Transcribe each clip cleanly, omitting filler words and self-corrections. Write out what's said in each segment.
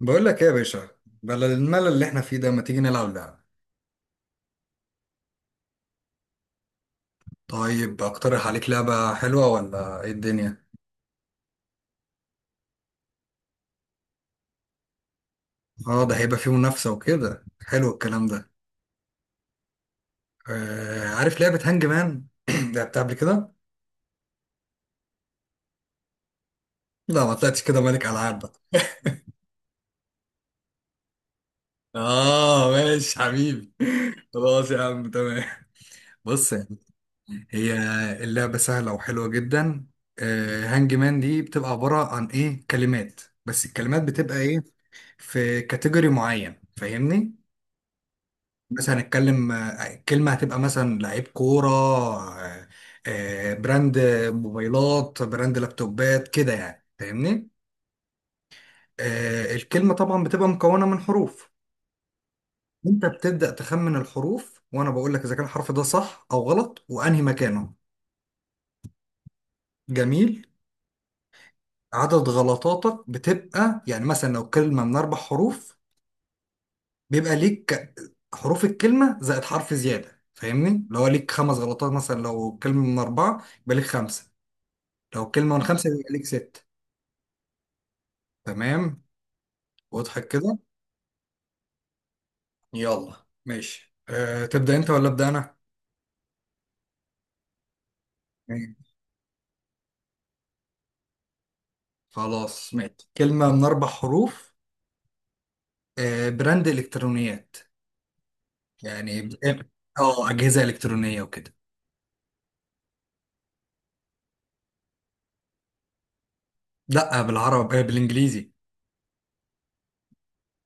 بقول لك ايه يا باشا؟ بدل الملل اللي احنا فيه ده، ما تيجي نلعب لعبة؟ طيب، اقترح عليك لعبة حلوة ولا ايه الدنيا؟ اه، ده هيبقى فيه منافسة وكده، حلو الكلام ده. عارف لعبة هانج مان؟ لعبتها قبل كده؟ لا، ما طلعتش كده ملك العاب بقى. اه، ماشي حبيبي. خلاص يا عم، تمام. بص يعني. هي اللعبة سهلة وحلوة جدا. هانج مان دي بتبقى عبارة عن ايه؟ كلمات، بس الكلمات بتبقى ايه؟ في كاتيجوري معين، فاهمني؟ مثلا نتكلم، كلمة هتبقى مثلا لعيب كورة، براند موبايلات، براند لابتوبات، كده يعني، فاهمني؟ الكلمة طبعا بتبقى مكونة من حروف. انت بتبدأ تخمن الحروف، وانا بقول لك اذا كان الحرف ده صح او غلط وانهي مكانه. جميل. عدد غلطاتك بتبقى يعني مثلا لو كلمة من اربع حروف، بيبقى ليك حروف الكلمة زائد حرف زيادة، فاهمني؟ لو ليك خمس غلطات. مثلا لو كلمة من اربعة، يبقى ليك خمسة. لو كلمة من خمسة، يبقى ليك ست. تمام، واضحك كده؟ يلا ماشي. تبدأ أنت ولا أبدأ أنا؟ مم. خلاص ماشي، كلمة من أربع حروف. براند إلكترونيات، يعني اه، أجهزة إلكترونية وكده. لأ، بالعربي، بالإنجليزي.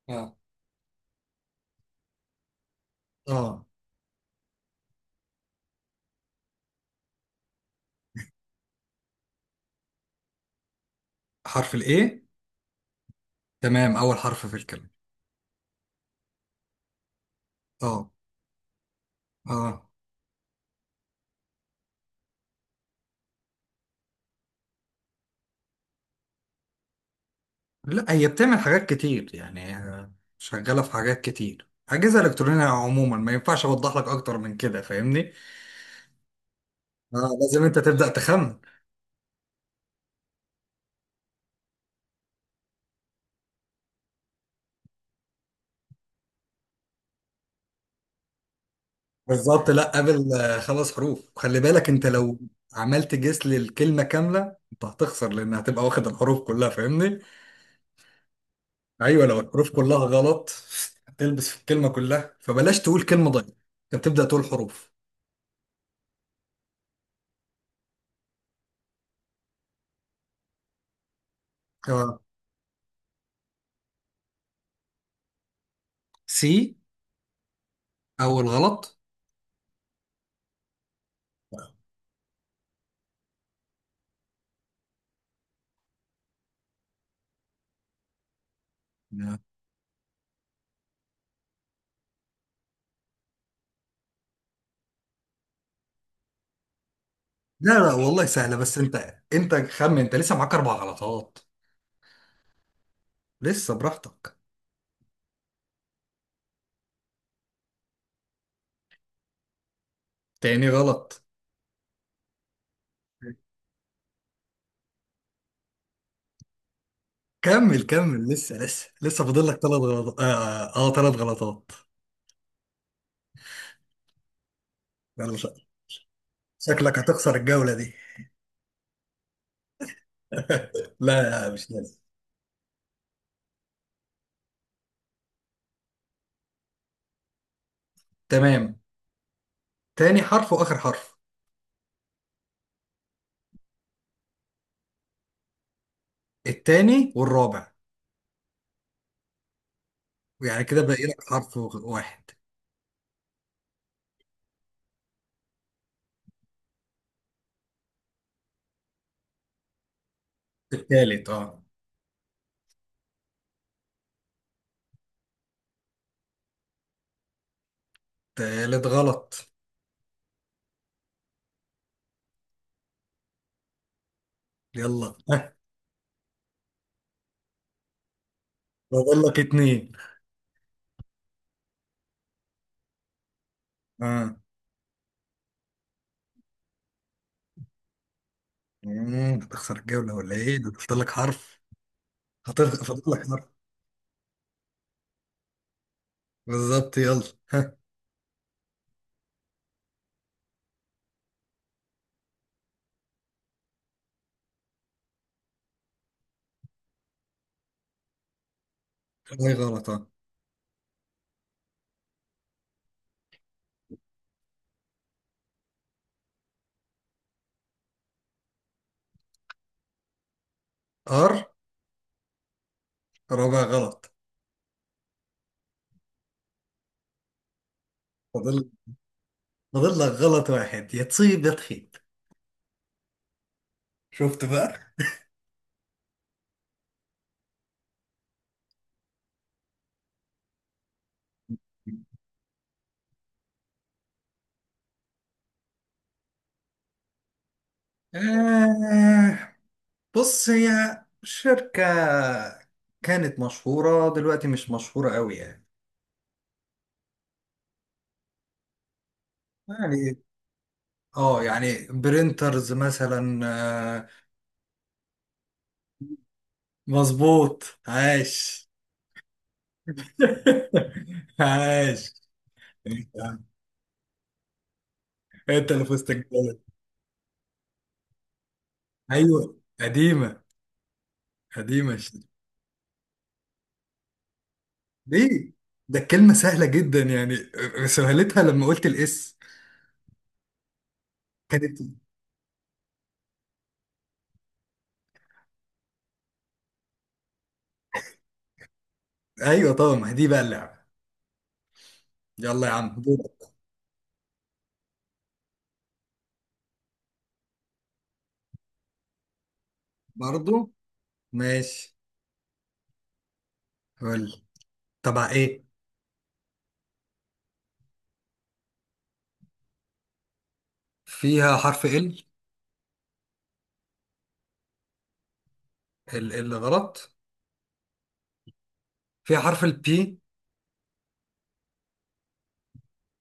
اه. اه، حرف الايه. تمام، اول حرف في الكلمه. اه. اه. لا، هي بتعمل حاجات كتير يعني، شغاله في حاجات كتير، اجهزه الكترونيه عموما ما ينفعش اوضح لك اكتر من كده، فاهمني؟ اه، لازم انت تبدأ تخمن. بالظبط. لا، قبل خمس حروف، وخلي بالك انت لو عملت جس للكلمة كاملة، انت هتخسر لان هتبقى واخد الحروف كلها، فاهمني؟ ايوه، لو الحروف كلها غلط هتلبس في الكلمة كلها، فبلاش تقول كلمة ضايعة. انت بتبدأ تقول حروف. اه، سي؟ اول غلط. لا لا لا، والله سهلة. بس انت خمن، انت لسه معاك اربع غلطات. لسه براحتك. تاني غلط. كمل كمل، لسه لسه لسه فاضل لك ثلاث غلطات. اه، ثلاث، تلات غلطات. يلا شكلك هتخسر الجولة دي. لا مش لازم. تمام، تاني حرف واخر حرف. التاني والرابع. يعني كده باقي لك حرف واحد. التالت، اه. تالت غلط. يلا. فاضل لك اتنين. اه. هتخسر الجولة ولا ايه؟ ده فاضل لك حرف. فاضل لك حرف. بالظبط، يلا. ها. ايه؟ غلط. اه. ار؟ رابع غلط. فاضل فاضل لك غلط واحد، يا تصيب يا تخيب. شفت بقى؟ آه بص، هي شركة كانت مشهورة، دلوقتي مش مشهورة قوي يعني. يعني برينترز مثلا، آه، مظبوط، عاش. عاش. انت انت اللي فزت الجولة. ايوه، قديمة. قديمة الشركة. ليه؟ ده الكلمة سهلة جدا يعني، سهلتها لما قلت الاس. كانت. ايوه طبعا، ما هي دي بقى اللعبة. يلا يا عم، دورك. برضو ماشي. قول. تبع ايه؟ فيها حرف ال. ال غلط. فيها حرف البي.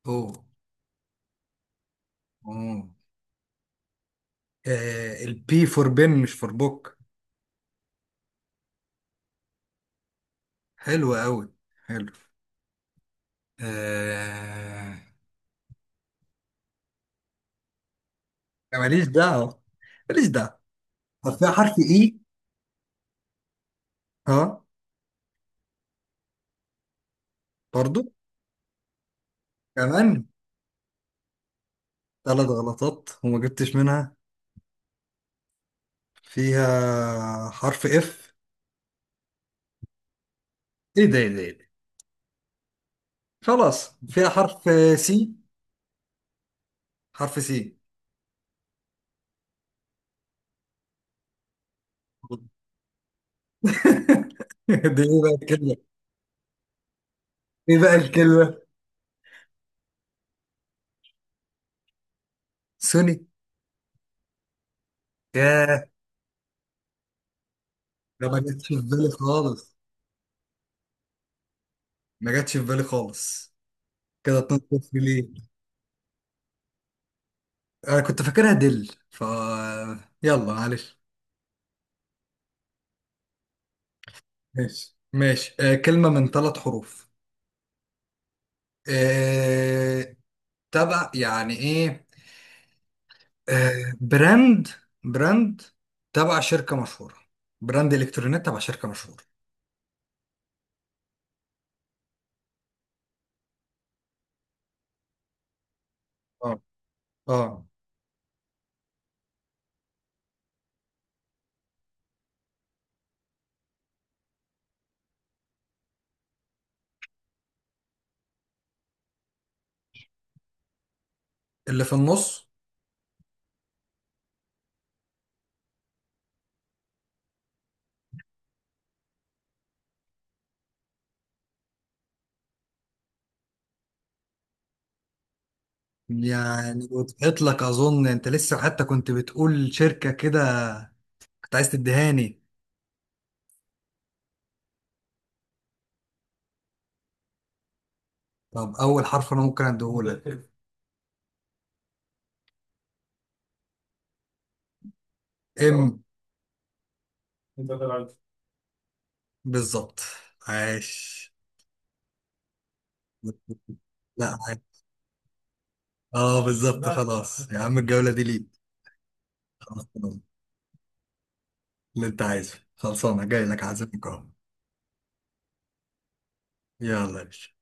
اوه. اوه. البي فور بن، مش فور بوك. حلو قوي، حلو. آه... ماليش دعوة. ماليش دعوة. طب، فيها حرف اي. اه، برضو. كمان ثلاث غلطات وما جبتش منها. فيها حرف اف. ايه ده، ايه ده، إيه ده؟ خلاص، فيها حرف سي، حرف سي. دي ايه بقى الكلمة؟ ايه بقى الكلمة؟ سوني. ياه، ده ما جاتش في بالي خالص. ما جاتش في بالي خالص كده. 2-0. ليه؟ انا كنت فاكرها دل ف. يلا، معلش. ماشي ماشي، كلمة من ثلاث حروف. آه، تبع يعني ايه؟ براند. براند تبع شركة مشهورة. براند الكترونيات تبع شركة مشهورة. اه. اه. اللي في النص. يعني وضحت لك اظن، انت لسه حتى كنت بتقول شركة كده. كنت عايز تدهاني. طب، أول حرف أنا ممكن أديهولك. اه، إم. انت طلعت. بالظبط، عاش. لا. عاش. اه، بالظبط. لا، خلاص يا عم، الجولة دي ليك. خلاص، تمام. اللي أنت عايزه خلصانة، جاي لك عازمك أهو. يلا يا باشا.